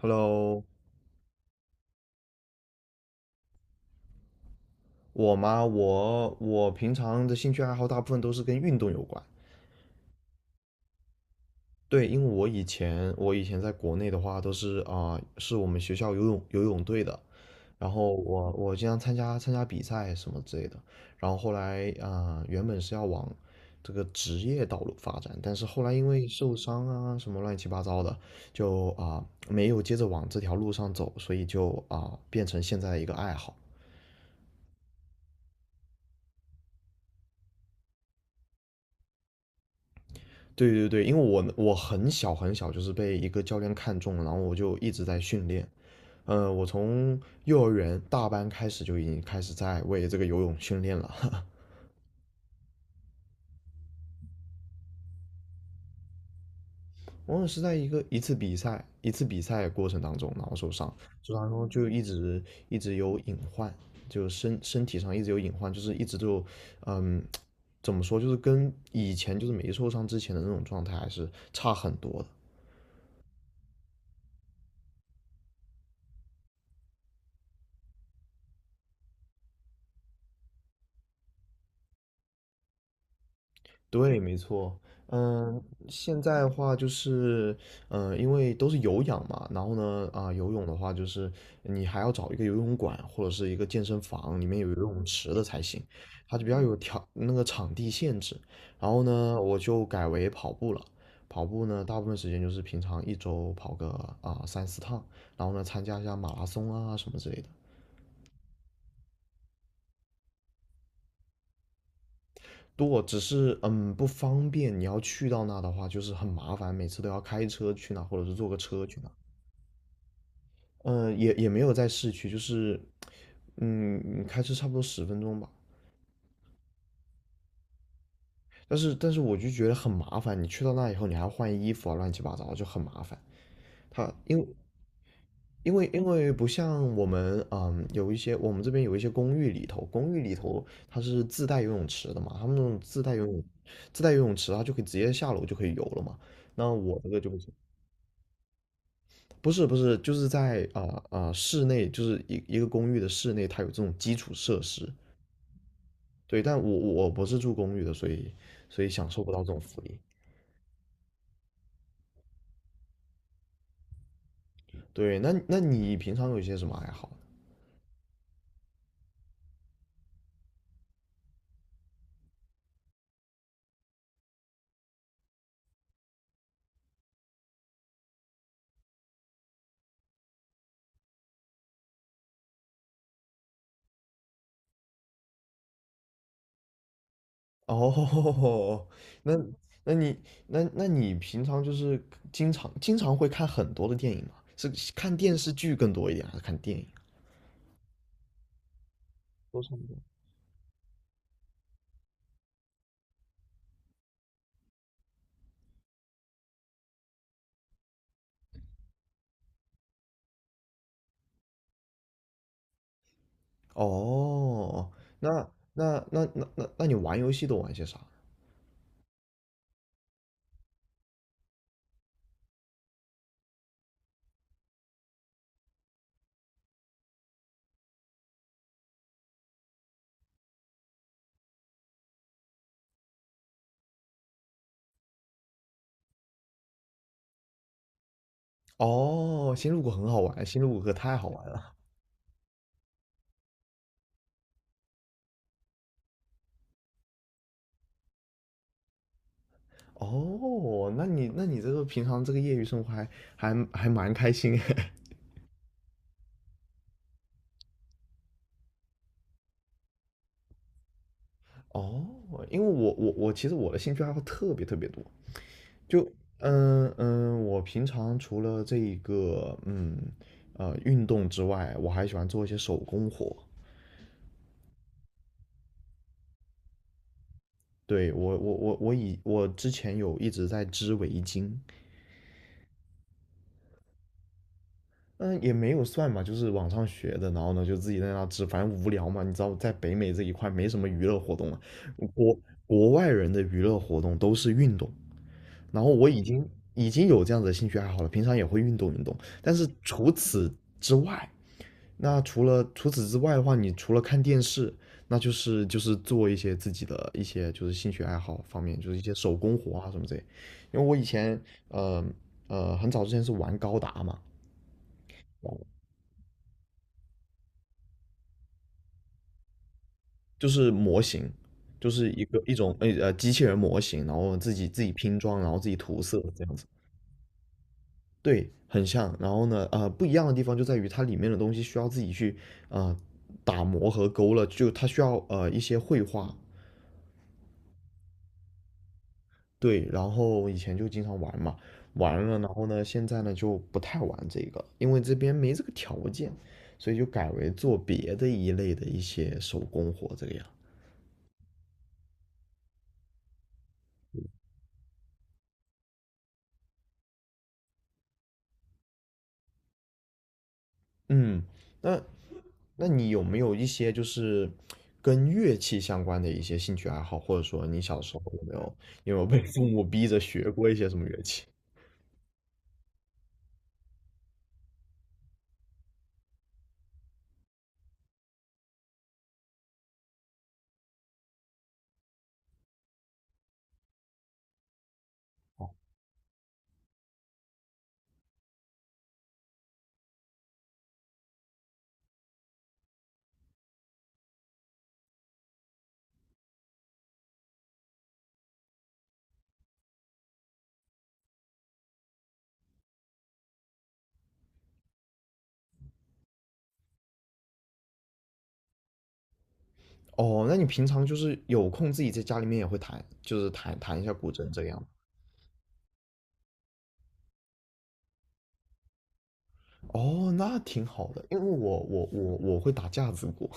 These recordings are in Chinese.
Hello，我吗？我平常的兴趣爱好大部分都是跟运动有关。对，因为我以前在国内的话都是啊、是我们学校游泳队的，然后我经常参加比赛什么之类的。然后后来原本是要往这个职业道路发展，但是后来因为受伤啊什么乱七八糟的，就没有接着往这条路上走，所以就变成现在一个爱好。对对对，因为我很小很小就是被一个教练看中了，然后我就一直在训练。我从幼儿园大班开始就已经开始在为这个游泳训练了。我是在一次比赛过程当中，然后受伤，受伤后就一直有隐患，就身体上一直有隐患，就是一直就嗯怎么说，就是跟以前就是没受伤之前的那种状态还是差很多的。对，没错。嗯，现在的话就是，因为都是有氧嘛，然后呢，游泳的话就是你还要找一个游泳馆或者是一个健身房，里面有游泳池的才行，它就比较有条那个场地限制。然后呢，我就改为跑步了。跑步呢，大部分时间就是平常一周跑个三四趟，然后呢，参加一下马拉松啊什么之类的。多，只是不方便。你要去到那的话，就是很麻烦，每次都要开车去那，或者是坐个车去那。嗯，也没有在市区，就是开车差不多10分钟吧。但是我就觉得很麻烦，你去到那以后，你还要换衣服啊，乱七八糟就很麻烦。它因为不像我们有一些我们这边有一些公寓里头，公寓里头它是自带游泳池的嘛，他们那种自带游泳池，它就可以直接下楼就可以游了嘛。那我这个就不行。不是不是，就是在室内，就是一个公寓的室内，它有这种基础设施。对，但我不是住公寓的，所以享受不到这种福利。对，那你平常有一些什么爱好？哦，那那你那你平常就是经常会看很多的电影吗？是看电视剧更多一点，还是看电影？都是。哦，那那你玩游戏都玩些啥？哦，星露谷很好玩，星露谷可太好玩了。哦，那你这个平常这个业余生活还蛮开心哎。哦，因为我其实我的兴趣爱好特别特别多，就我平常除了这一个运动之外，我还喜欢做一些手工活。对，我之前有一直在织围巾，嗯，也没有算吧，就是网上学的，然后呢就自己在那织，反正无聊嘛，你知道，在北美这一块没什么娱乐活动了，国国外人的娱乐活动都是运动，然后我已经有这样子的兴趣爱好了，平常也会运动运动，但是除此之外，那除了除此之外的话，你除了看电视，那就是做一些自己的一些就是兴趣爱好方面，就是一些手工活啊什么之类，因为我以前呃很早之前是玩高达嘛。就是模型，就是一种机器人模型，然后自己拼装，然后自己涂色这样子。对，很像。然后呢，不一样的地方就在于它里面的东西需要自己去啊、呃打磨和勾勒，就它需要一些绘画。对，然后以前就经常玩嘛，玩了，然后呢，现在呢就不太玩这个，因为这边没这个条件，所以就改为做别的一类的一些手工活这个样。嗯，那那你有没有一些就是跟乐器相关的一些兴趣爱好，或者说你小时候有没有被父母逼着学过一些什么乐器？哦，哦那你平常就是有空自己在家里面也会弹，就是弹弹一下古筝这样。哦，那挺好的，因为我会打架子鼓。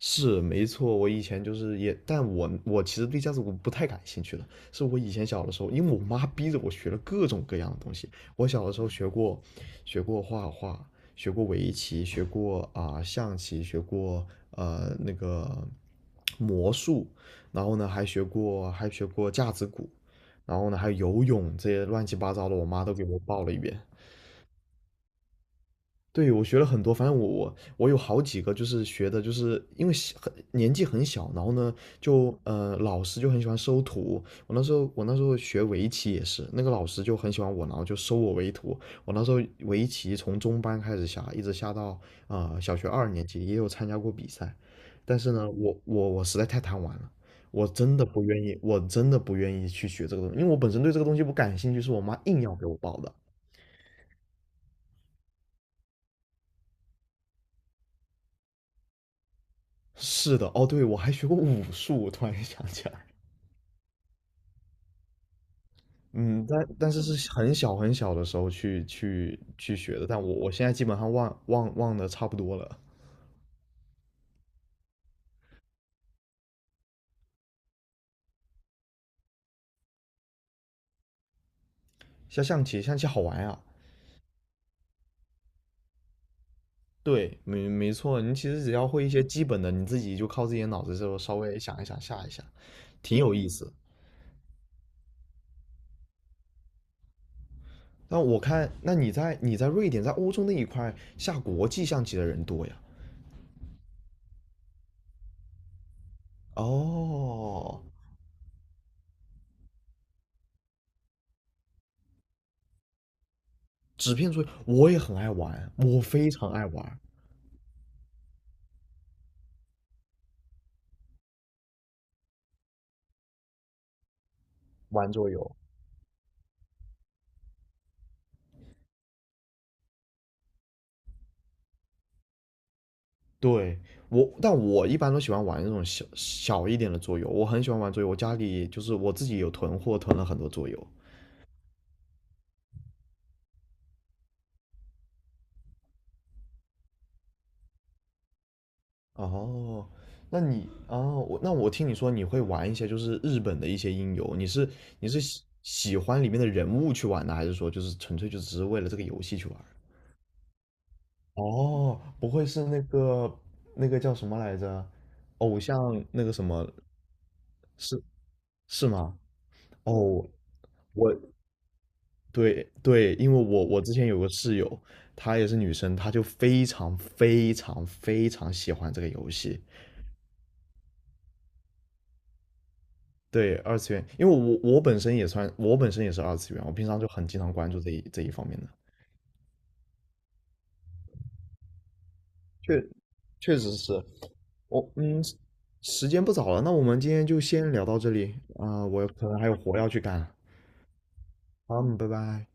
是没错，我以前就是也，但我其实对架子鼓不太感兴趣了。是我以前小的时候，因为我妈逼着我学了各种各样的东西。我小的时候学过，学过画画，学过围棋，学过象棋，学过呃那个魔术，然后呢还学过架子鼓，然后呢还有游泳这些乱七八糟的，我妈都给我报了一遍。对，我学了很多，反正我有好几个，就是学的，就是因为小很年纪很小，然后呢，就老师就很喜欢收徒。我那时候学围棋也是，那个老师就很喜欢我，然后就收我为徒。我那时候围棋从中班开始下，一直下到小学二年级，也有参加过比赛。但是呢，我实在太贪玩了，我真的不愿意，我真的不愿意去学这个东西，因为我本身对这个东西不感兴趣，是我妈硬要给我报的。是的，哦，对，我还学过武术，我突然想起来。嗯，但是是很小很小的时候去学的，但我现在基本上忘的差不多了。下象棋，象棋好玩呀、对，没错，你其实只要会一些基本的，你自己就靠自己的脑子就稍微想一想下一下，挺有意思。但我看，那你在瑞典，在欧洲那一块下国际象棋的人多呀？哦，纸片桌游我也很爱玩，我非常爱玩玩桌游。对，但我一般都喜欢玩那种小小一点的桌游，我很喜欢玩桌游，我家里就是我自己有囤货，囤了很多桌游。哦，那你哦，我那我听你说你会玩一些就是日本的一些音游，你是喜欢里面的人物去玩呢，还是说就是纯粹就只是为了这个游戏去玩？哦，不会是那个叫什么来着？偶像那个什么是是吗？哦，我对对，因为我之前有个室友，她也是女生，她就非常非常非常喜欢这个游戏。对，二次元，因为我本身也算，我本身也是二次元，我平常就很经常关注这一方面的。确确实是，我嗯，时间不早了，那我们今天就先聊到这里啊，我可能还有活要去干。好，嗯拜拜。